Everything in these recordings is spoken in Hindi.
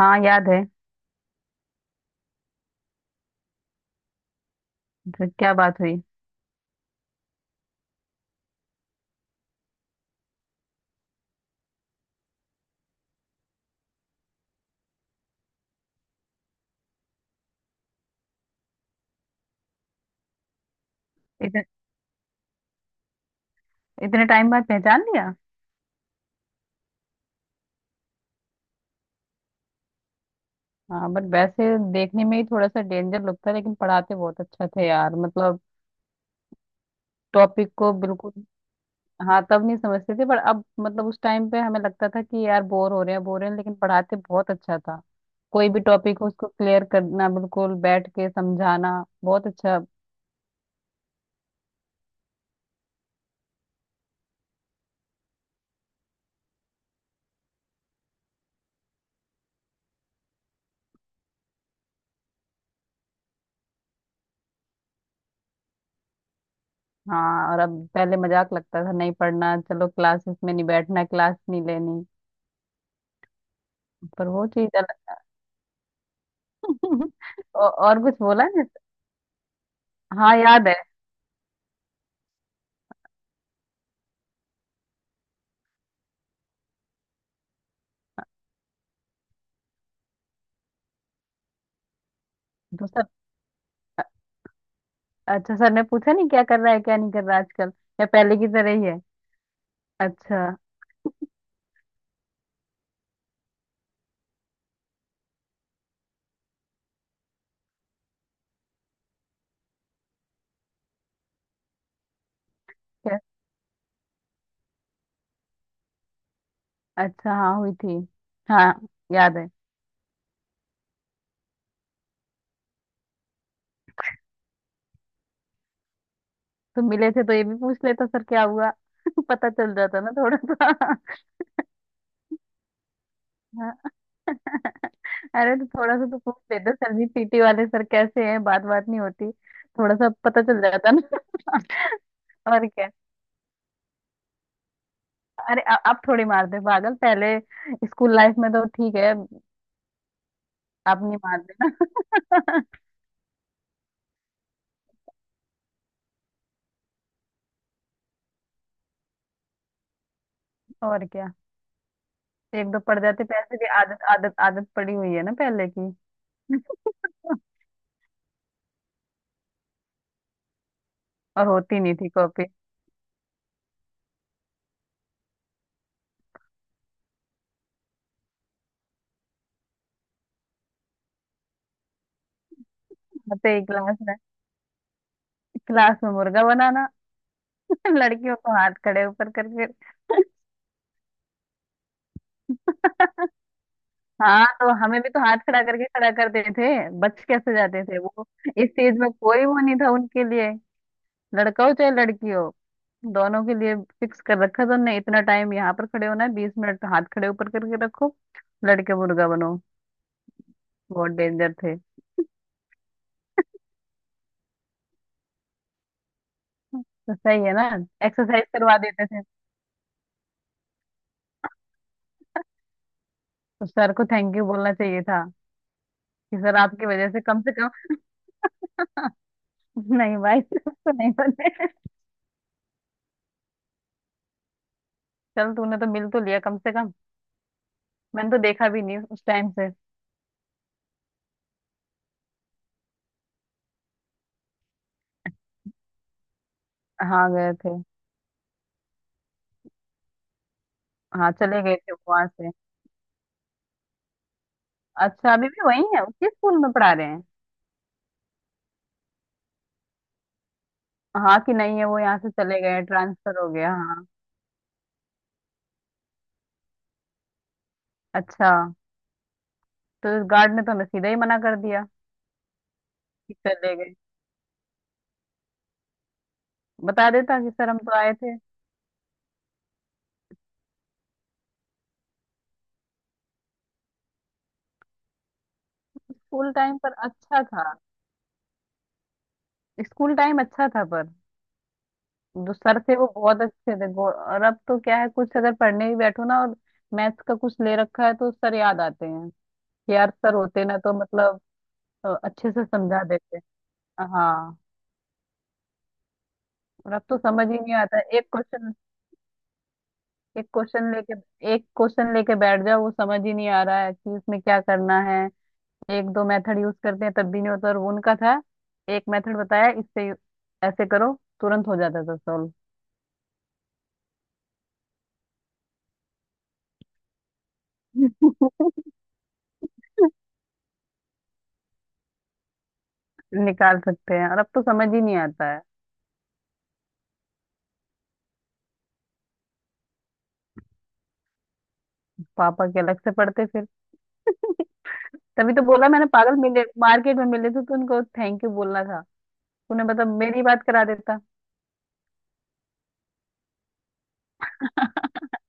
हाँ, याद है। तो क्या बात हुई। इतने इतने टाइम बाद पहचान लिया। हाँ, बट वैसे देखने में ही थोड़ा सा डेंजर लगता है, लेकिन पढ़ाते बहुत अच्छा थे यार। मतलब टॉपिक को बिल्कुल। हाँ, तब नहीं समझते थे पर अब मतलब उस टाइम पे हमें लगता था कि यार बोर हो रहे हैं, बोर हो रहे हैं, लेकिन पढ़ाते बहुत अच्छा था। कोई भी टॉपिक हो उसको क्लियर करना, बिल्कुल बैठ के समझाना बहुत अच्छा। हाँ, और अब पहले मजाक लगता था, नहीं पढ़ना, चलो क्लासेस में नहीं बैठना, क्लास नहीं लेनी। पर वो चीज अलग। और कुछ बोला। हाँ, याद है। तो सर, अच्छा सर ने पूछा नहीं क्या कर रहा है, क्या नहीं कर रहा है आजकल, या पहले की तरह ही है। अच्छा। क्या। अच्छा हाँ, हुई थी। हाँ, याद है। तुम मिले थे तो ये भी पूछ लेता, सर क्या हुआ। पता चल जाता ना थोड़ा सा। हाँ। अरे, तो थोड़ा सा तो पूछ लेते, सर जी पीटी वाले सर कैसे हैं, बात बात नहीं होती। थोड़ा सा पता चल जाता ना। और क्या। अरे अब थोड़ी मार दे पागल पहले। स्कूल लाइफ में तो ठीक है, अब नहीं मार देना। और क्या। एक दो पड़ जाते पैसे भी, आदत आदत आदत पड़ी हुई है ना पहले की। और होती नहीं थी कॉपी। आते ही क्लास में, क्लास में मुर्गा बनाना। लड़कियों को हाथ खड़े ऊपर करके। हाँ तो हमें भी तो हाथ खड़ा करके खड़ा करते थे। बच कैसे जाते थे वो। इस चीज में कोई वो नहीं था उनके लिए। लड़का हो चाहे लड़की हो, दोनों के लिए फिक्स कर रखा था उनने, इतना टाइम यहाँ पर खड़े होना है, 20 मिनट हाथ खड़े ऊपर करके रखो। लड़के मुर्गा बनो। बहुत डेंजर थे। तो सही है ना, एक्सरसाइज करवा देते थे। तो सर को थैंक यू बोलना चाहिए था कि सर आपकी वजह से कम से कम। नहीं भाई, तो नहीं बने। चल, तूने तो मिल तो लिया कम से कम। मैंने तो देखा भी नहीं उस टाइम से। हाँ, गए थे। हाँ, चले गए थे वहां से। अच्छा, अभी भी वही है उसी स्कूल में पढ़ा रहे हैं। हाँ, कि नहीं है वो यहाँ से चले गए, ट्रांसफर हो गया, हाँ। अच्छा। तो इस गार्ड ने तो हमें सीधा ही मना कर दिया कि चले गए। बता देता कि सर हम तो आए थे। स्कूल टाइम पर अच्छा था। स्कूल टाइम अच्छा था पर जो सर थे वो बहुत अच्छे थे। और अब तो क्या है, कुछ अगर पढ़ने भी बैठो ना, और मैथ्स का कुछ ले रखा है तो सर याद आते हैं कि यार सर होते ना तो मतलब अच्छे से समझा देते। हाँ, और अब तो समझ ही नहीं आता एक क्वेश्चन, एक क्वेश्चन लेके, एक क्वेश्चन लेके बैठ जाओ वो समझ ही नहीं आ रहा है कि इसमें क्या करना है। एक दो मेथड यूज करते हैं तब भी नहीं होता, और वो उनका था, एक मेथड बताया इससे, ऐसे करो, तुरंत हो जाता था सॉल्व। निकाल सकते हैं, और अब तो समझ ही नहीं आता है। पापा के अलग से पड़ते फिर। तभी तो बोला मैंने पागल, मिले मार्केट में मिले थे तो उनको थैंक यू बोलना था। तूने मतलब मेरी बात करा देता।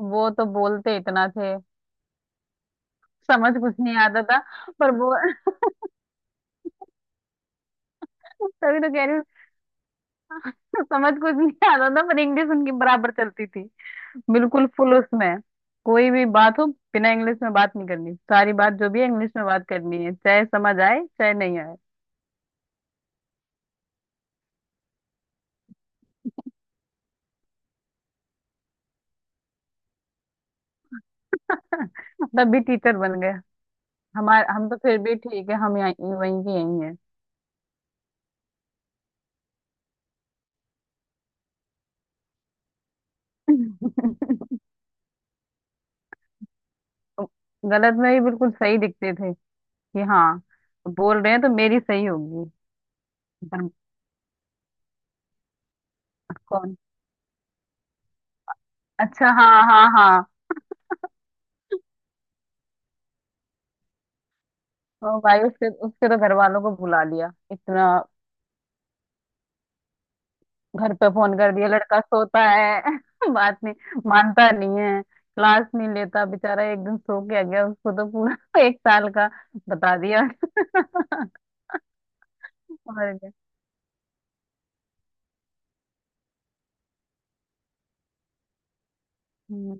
वो तो बोलते इतना थे। समझ कुछ नहीं आता था, पर वो। तभी तो कह रही हूँ। समझ कुछ नहीं आता था, पर इंग्लिश उनकी बराबर चलती थी। बिल्कुल फुल उसमें। कोई भी बात हो, बिना इंग्लिश में बात नहीं करनी, सारी बात जो भी है इंग्लिश में बात करनी है, चाहे समझ आए चाहे नहीं आए। तब भी टीचर बन। हमारे, हम तो फिर भी ठीक है, हम यहाँ, वहीं के यहीं हैं। गलत में ही बिल्कुल सही दिखते थे कि हाँ, बोल रहे हैं तो मेरी सही होगी। पर कौन। अच्छा, हाँ हाँ हाँ। ओ भाई, उसके उसके तो घर वालों को बुला लिया इतना। घर पे फोन कर दिया, लड़का सोता है। बात नहीं मानता, नहीं है, क्लास नहीं लेता, बेचारा एक दिन सो के आ गया, उसको तो पूरा एक साल का बता दिया। और क्या। हम्म,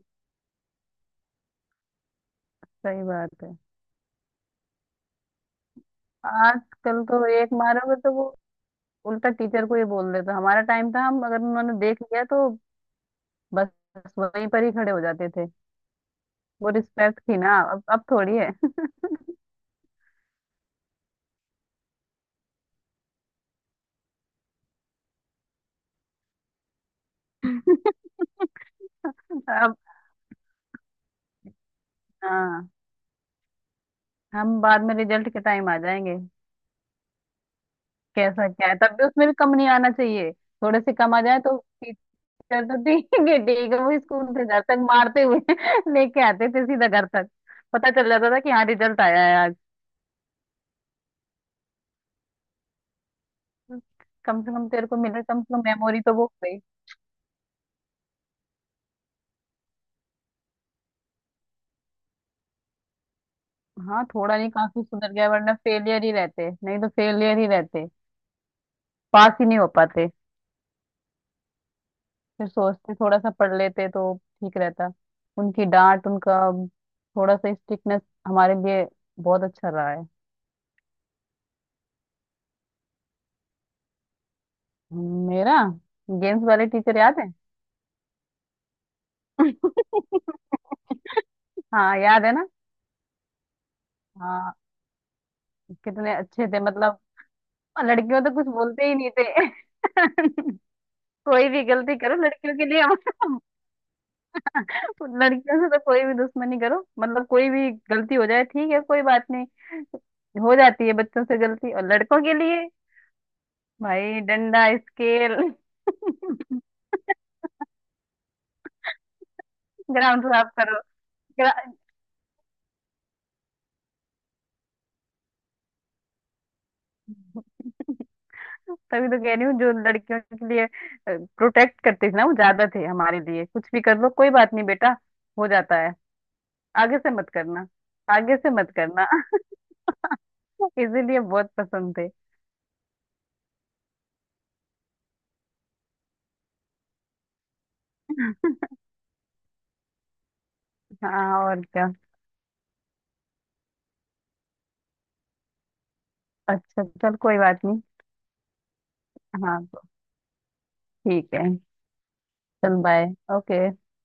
सही बात है। आजकल तो एक मारोगे तो वो उल्टा टीचर को ही बोल देता, हमारा टाइम था, हम अगर उन्होंने देख लिया तो बस, वहीं पर ही खड़े हो जाते थे। वो रिस्पेक्ट थी ना, अब थोड़ी है। अब हाँ, हम बाद में रिजल्ट के टाइम आ जाएंगे। कैसा क्या है, तब भी उसमें भी कम नहीं आना चाहिए, थोड़े से कम आ जाए तो टीचर तो ठीक है, ठीक है, वो स्कूल से घर तक मारते हुए लेके आते थे सीधा घर तक। पता चल जाता था कि हाँ, रिजल्ट आया है। कम से कम तेरे को मिला, कम से कम मेमोरी तो वो हो गई। हाँ, थोड़ा नहीं काफी सुधर गया, वरना फेलियर ही रहते, नहीं तो फेलियर ही रहते। पास ही नहीं हो पाते। फिर सोचते थोड़ा सा पढ़ लेते तो ठीक रहता। उनकी डांट, उनका थोड़ा सा स्ट्रिक्टनेस हमारे लिए बहुत अच्छा रहा है। मेरा, गेम्स वाले टीचर याद है। हाँ, याद है ना। हाँ, कितने अच्छे थे मतलब। लड़कियों तो कुछ बोलते ही नहीं थे। कोई भी गलती करो लड़कियों के लिए। हम, लड़कियों से तो कोई भी दुश्मनी करो, मतलब कोई भी गलती हो जाए ठीक है, कोई बात नहीं, हो जाती है बच्चों से गलती। और लड़कों के लिए भाई, डंडा स्केल। ग्राउंड साफ करो। ग्रा- तभी तो कह रही हूँ जो लड़कियों के लिए प्रोटेक्ट करते थे ना वो ज्यादा थे, हमारे लिए कुछ भी कर लो कोई बात नहीं बेटा, हो जाता है, आगे से मत करना, आगे से मत करना। इसीलिए बहुत पसंद थे। हाँ, और क्या। अच्छा चल, कोई बात नहीं। हाँ ठीक है। चल बाय। ओके।